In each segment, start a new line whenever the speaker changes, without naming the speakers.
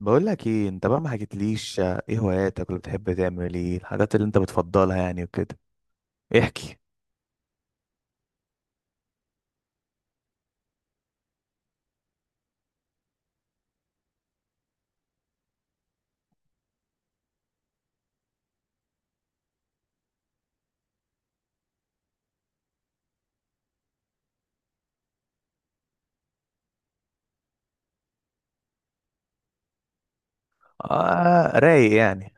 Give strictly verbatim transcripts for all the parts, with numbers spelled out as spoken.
بقول لك ايه؟ انت بقى ما حكيتليش، آه، ايه هواياتك، ولا بتحب تعمل ايه؟ الحاجات اللي انت بتفضلها يعني وكده، احكي. اه، رايق يعني.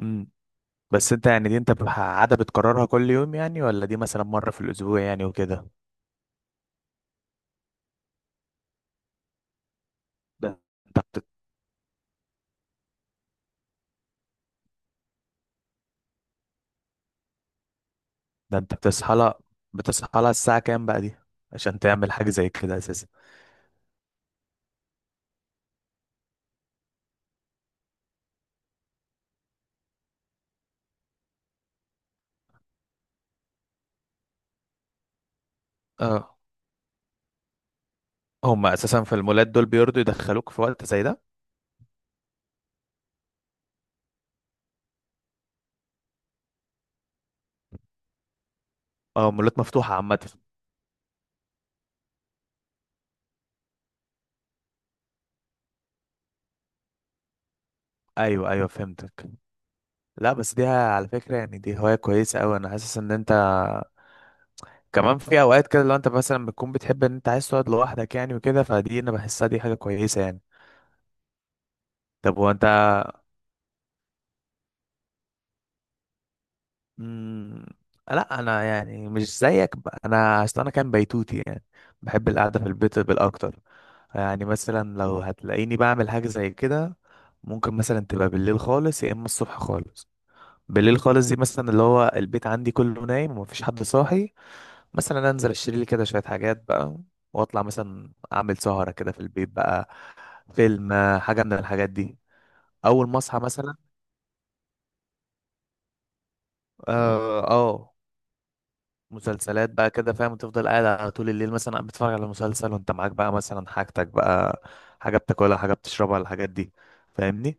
امم. بس انت يعني دي انت بح- عادة بتكررها كل يوم يعني، ولا دي مثلا مرة في الاسبوع يعني وكده؟ ده انت بت... ده انت بتصحى لها، بتصحى لها الساعة كام بقى دي عشان تعمل حاجة زي كده اساسا؟ اه. هم اساسا في المولات دول بيرضوا يدخلوك في وقت زي ده؟ اه، مولات مفتوحة عامة. ايوه ايوه، فهمتك. لا بس دي على فكرة يعني دي هواية كويسة اوي، انا حاسس ان انت كمان في اوقات كده، لو انت مثلا بتكون بتحب ان انت عايز تقعد لوحدك يعني وكده، فدي انا بحسها دي حاجة كويسة يعني. طب وانت؟ مم... لا انا يعني مش زيك، ب- انا اصل انا كان بيتوتي يعني. بحب القعدة في البيت بالاكتر. يعني مثلا لو هتلاقيني بعمل حاجة زي كده، ممكن مثلا تبقى بالليل خالص يا اما الصبح خالص. بالليل خالص دي مثلا اللي هو البيت عندي كله نايم ومفيش حد صاحي، مثلا انزل اشتري لي كده شوية حاجات بقى، واطلع مثلا اعمل سهرة كده في البيت بقى، فيلم، آه، حاجة من الحاجات دي. أول ما أصحى مثلا. آه, آه. مسلسلات بقى كده فاهم، وتفضل قاعد على طول الليل مثلا قاعد بتتفرج على مسلسل، وأنت معاك بقى مثلا حاجتك بقى، حاجة بتاكلها، حاجة بتشربها، الحاجات دي. فاهمني؟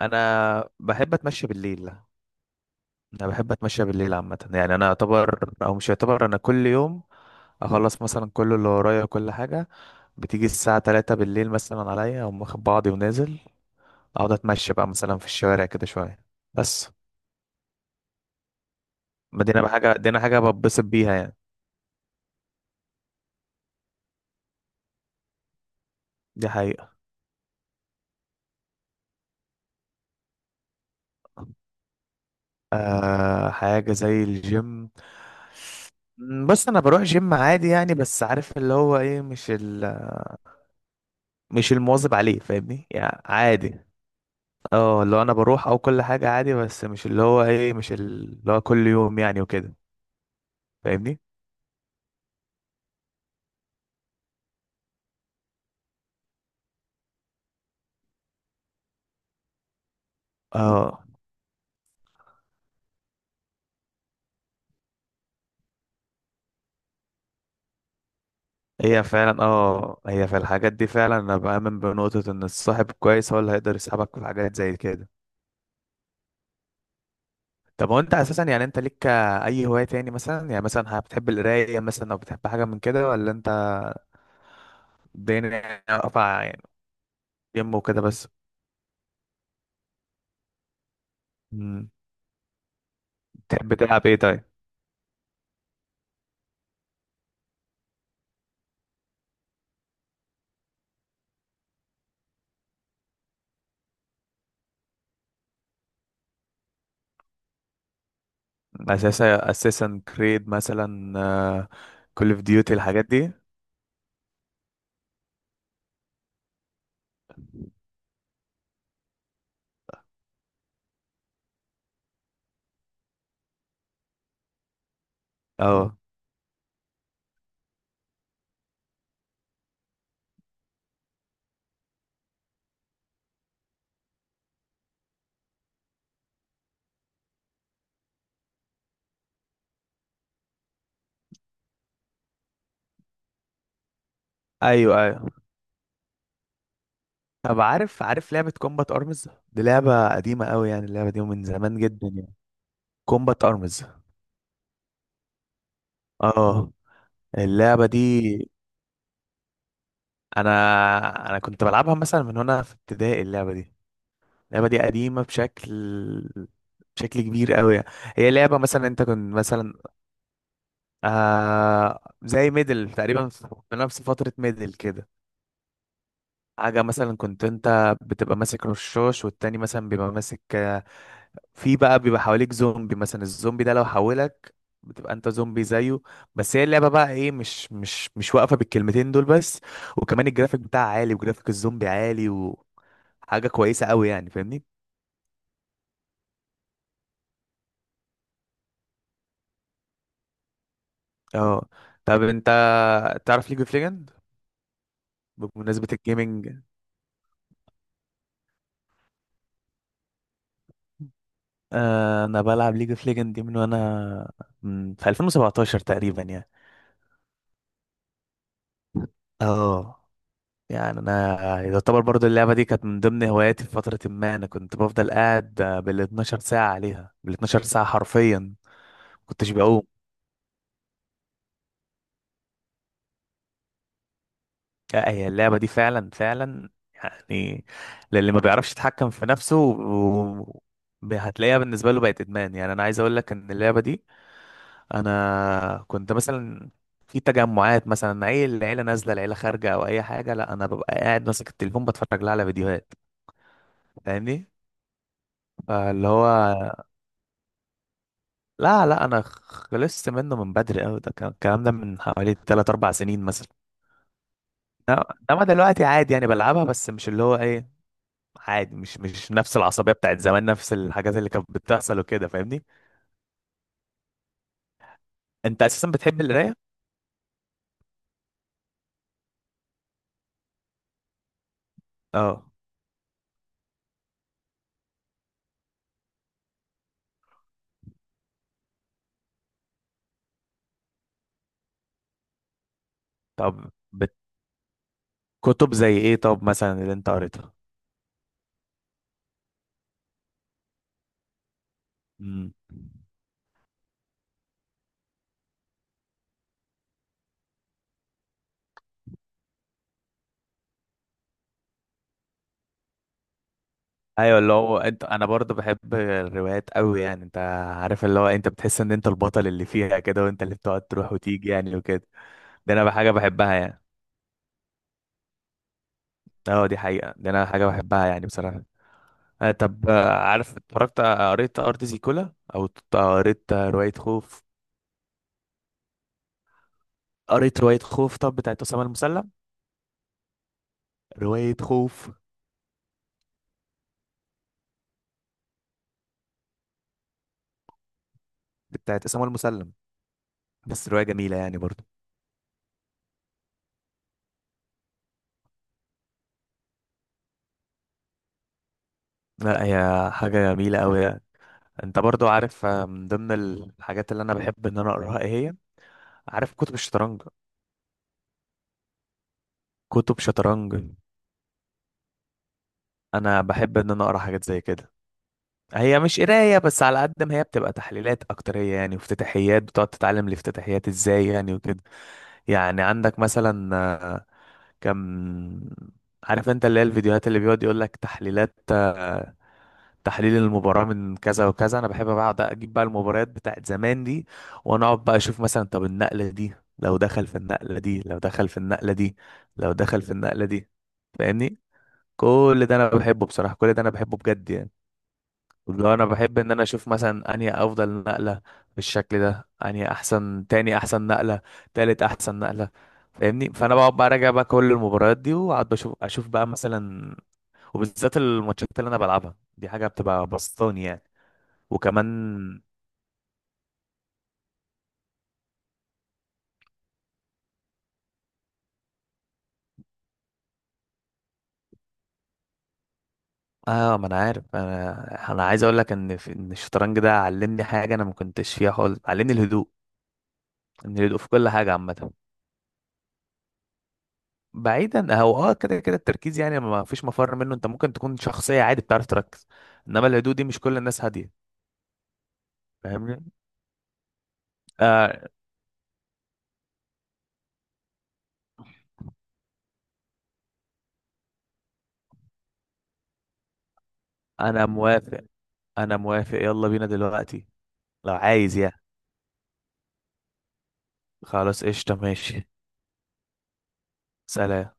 أنا بحب أتمشى بالليل. أنا بحب أتمشى بالليل عامة يعني. أنا أعتبر أو مش أعتبر، أنا كل يوم أخلص مثلا كل اللي ورايا وكل حاجة، بتيجي الساعة تلاتة بالليل مثلا عليا، أقوم واخد بعضي ونازل، أقعد أتمشى بقى مثلا في الشوارع كده شوية. بس. ما دينا بقى حاجة، دينا حاجة بتبسط بيها يعني. دي حقيقة. آه، حاجة زي الجيم. مم، بص انا بروح جيم عادي يعني، بس عارف اللي هو ايه، مش ال... مش المواظب عليه، فاهمني؟ يعني عادي. اه اللي هو انا بروح او كل حاجة عادي، بس مش اللي هو ايه، مش اللي هو كل يوم يعني وكده. فاهمني؟ اه هي فعلا، اه هي في الحاجات دي فعلا، انا بآمن بنقطة ان الصاحب كويس هو اللي هيقدر يسحبك في حاجات زي كده. طب هو انت اساسا يعني انت ليك اي هواية تاني مثلا؟ يعني مثلا بتحب القراية مثلا، او بتحب حاجة من كده، ولا انت الدنيا واقفة يعني؟ جيم وكده بس. مم. بتحب تلعب ايه طيب؟ اساسا اساسا كريد مثلا، كول اوف ديوتي، الحاجات دي. اه، ايوه ايوه. طب عارف، عارف لعبة كومبات ارمز؟ دي لعبة قديمة قوي يعني، اللعبة دي من زمان جدا يعني. كومبات ارمز. اه، اللعبة دي. انا انا كنت بلعبها مثلا من هنا في ابتدائي اللعبة دي. اللعبة دي قديمة بشكل بشكل كبير قوي. هي لعبة مثلا انت كنت مثلا، آه زي ميدل تقريبا، في في نفس فترة ميدل كده. حاجة مثلا كنت انت بتبقى ماسك رشاش، والتاني مثلا بيبقى ماسك، آه، في بقى بيبقى حواليك زومبي مثلا، الزومبي ده لو حولك بتبقى انت زومبي زيه. بس هي اللعبة بقى ايه، مش مش مش واقفة بالكلمتين دول بس، وكمان الجرافيك بتاعها عالي، وجرافيك الزومبي عالي، وحاجة كويسة قوي يعني، فاهمني؟ اه. طب انت تعرف ليج اوف ليجند؟ بمناسبة الجيمنج، آه، انا بلعب ليج اوف ليجند دي من وانا من- في ألفين وسبعتاشر تقريبا يعني. اه، يعني انا يعتبر برضو اللعبه دي كانت من ضمن هواياتي في فتره ما انا كنت بفضل قاعد بال اتناشر ساعه عليها، بال اتناشر ساعه حرفيا، ما كنتش بقوم. لا هي اللعبه دي فعلا فعلا يعني، للي ما بيعرفش يتحكم في نفسه و... ب- هتلاقيها بالنسبه له بقت ادمان يعني. انا عايز اقول لك ان اللعبه دي، انا كنت مثلا في تجمعات مثلا اي العيله نازله، العيله خارجه او اي حاجه، لا انا ببقى قاعد ماسك التليفون بتفرج لها على فيديوهات. فاهمني؟ فاللي هو لا لا، انا خلصت منه من بدري قوي، ده كان- الكلام ده من حوالي ثلاث اربع سنين مثلا. انما إنما دلوقتي عادي يعني، بلعبها بس مش اللي هو ايه، عادي، مش مش نفس العصبيه بتاعت زمان، نفس الحاجات اللي كانت بتحصل وكده، فاهمني؟ انت اساسا بتحب القرايه؟ اه. طب بت- كتب زي ايه طب مثلا اللي انت قريتها؟ امم. ايوه اللي هو انت، انا برضه بحب الروايات قوي يعني. انت عارف اللي هو انت بتحس ان انت البطل اللي فيها كده، وانت اللي بتقعد تروح وتيجي يعني وكده. ده انا حاجه بحبها يعني. اه دي حقيقه، ده انا حاجه بحبها يعني بصراحه. آه طب آه، عارف اتفرجت، آه، قريت ارض زيكولا؟ او ت- آه، قريت آه، روايه خوف؟ قريت روايه خوف طب بتاعت اسامه المسلم؟ روايه خوف بتاعت اسامه المسلم، بس روايه جميله يعني برضه. لا هي حاجه جميله قوي يعني. انت برضو عارف، آه، من ضمن الحاجات اللي انا بحب ان انا اقراها ايه هي؟ عارف كتب الشطرنج؟ كتب شطرنج. انا بحب ان انا اقرا حاجات زي كده، هي مش قرايه بس، على قد ما هي بتبقى تحليلات اكتريه يعني، وافتتاحيات بتقعد تتعلم الافتتاحيات ازاي يعني وكده. يعني عندك مثلا آه، كم عارف انت اللي هي الفيديوهات اللي بيقعد يقول لك تحليلات، آه، تحليل المباراة من كذا وكذا؟ انا بحب بقعد اجيب بقى المباريات بتاعت زمان دي، وانا اقعد بقى اشوف مثلا طب النقلة دي، لو دخل في النقلة دي، لو دخل في النقلة دي، لو دخل في النقلة دي، فاهمني؟ كل ده انا بحبه بصراحه، كل ده انا بحبه بجد يعني. لو انا بحب ان انا اشوف مثلا انهي افضل نقله بالشكل ده، انهي احسن، تاني احسن نقله، تالت احسن نقله، فاهمني؟ فانا بقعد بقى راجع بقى كل المباريات دي، واقعد بشوف، اشوف بقى مثلا، وبالذات الماتشات اللي انا بلعبها دي حاجه بتبقى بسطاني يعني. وكمان اه، ما انا عارف، انا انا عايز اقول لك ان في... ان الشطرنج ده علمني حاجه انا ما كنتش فيها خالص، علمني الهدوء، ان الهدوء في كل حاجه عامه. بعيدا، هو اه كده كده التركيز يعني ما فيش مفر منه، انت ممكن تكون شخصية عادي بتعرف تركز، انما الهدوء دي مش كل الناس هادية، فاهمني؟ آه، انا موافق، انا موافق، يلا بينا دلوقتي لو عايز يعني. خلاص قشطة، ماشي. سلام.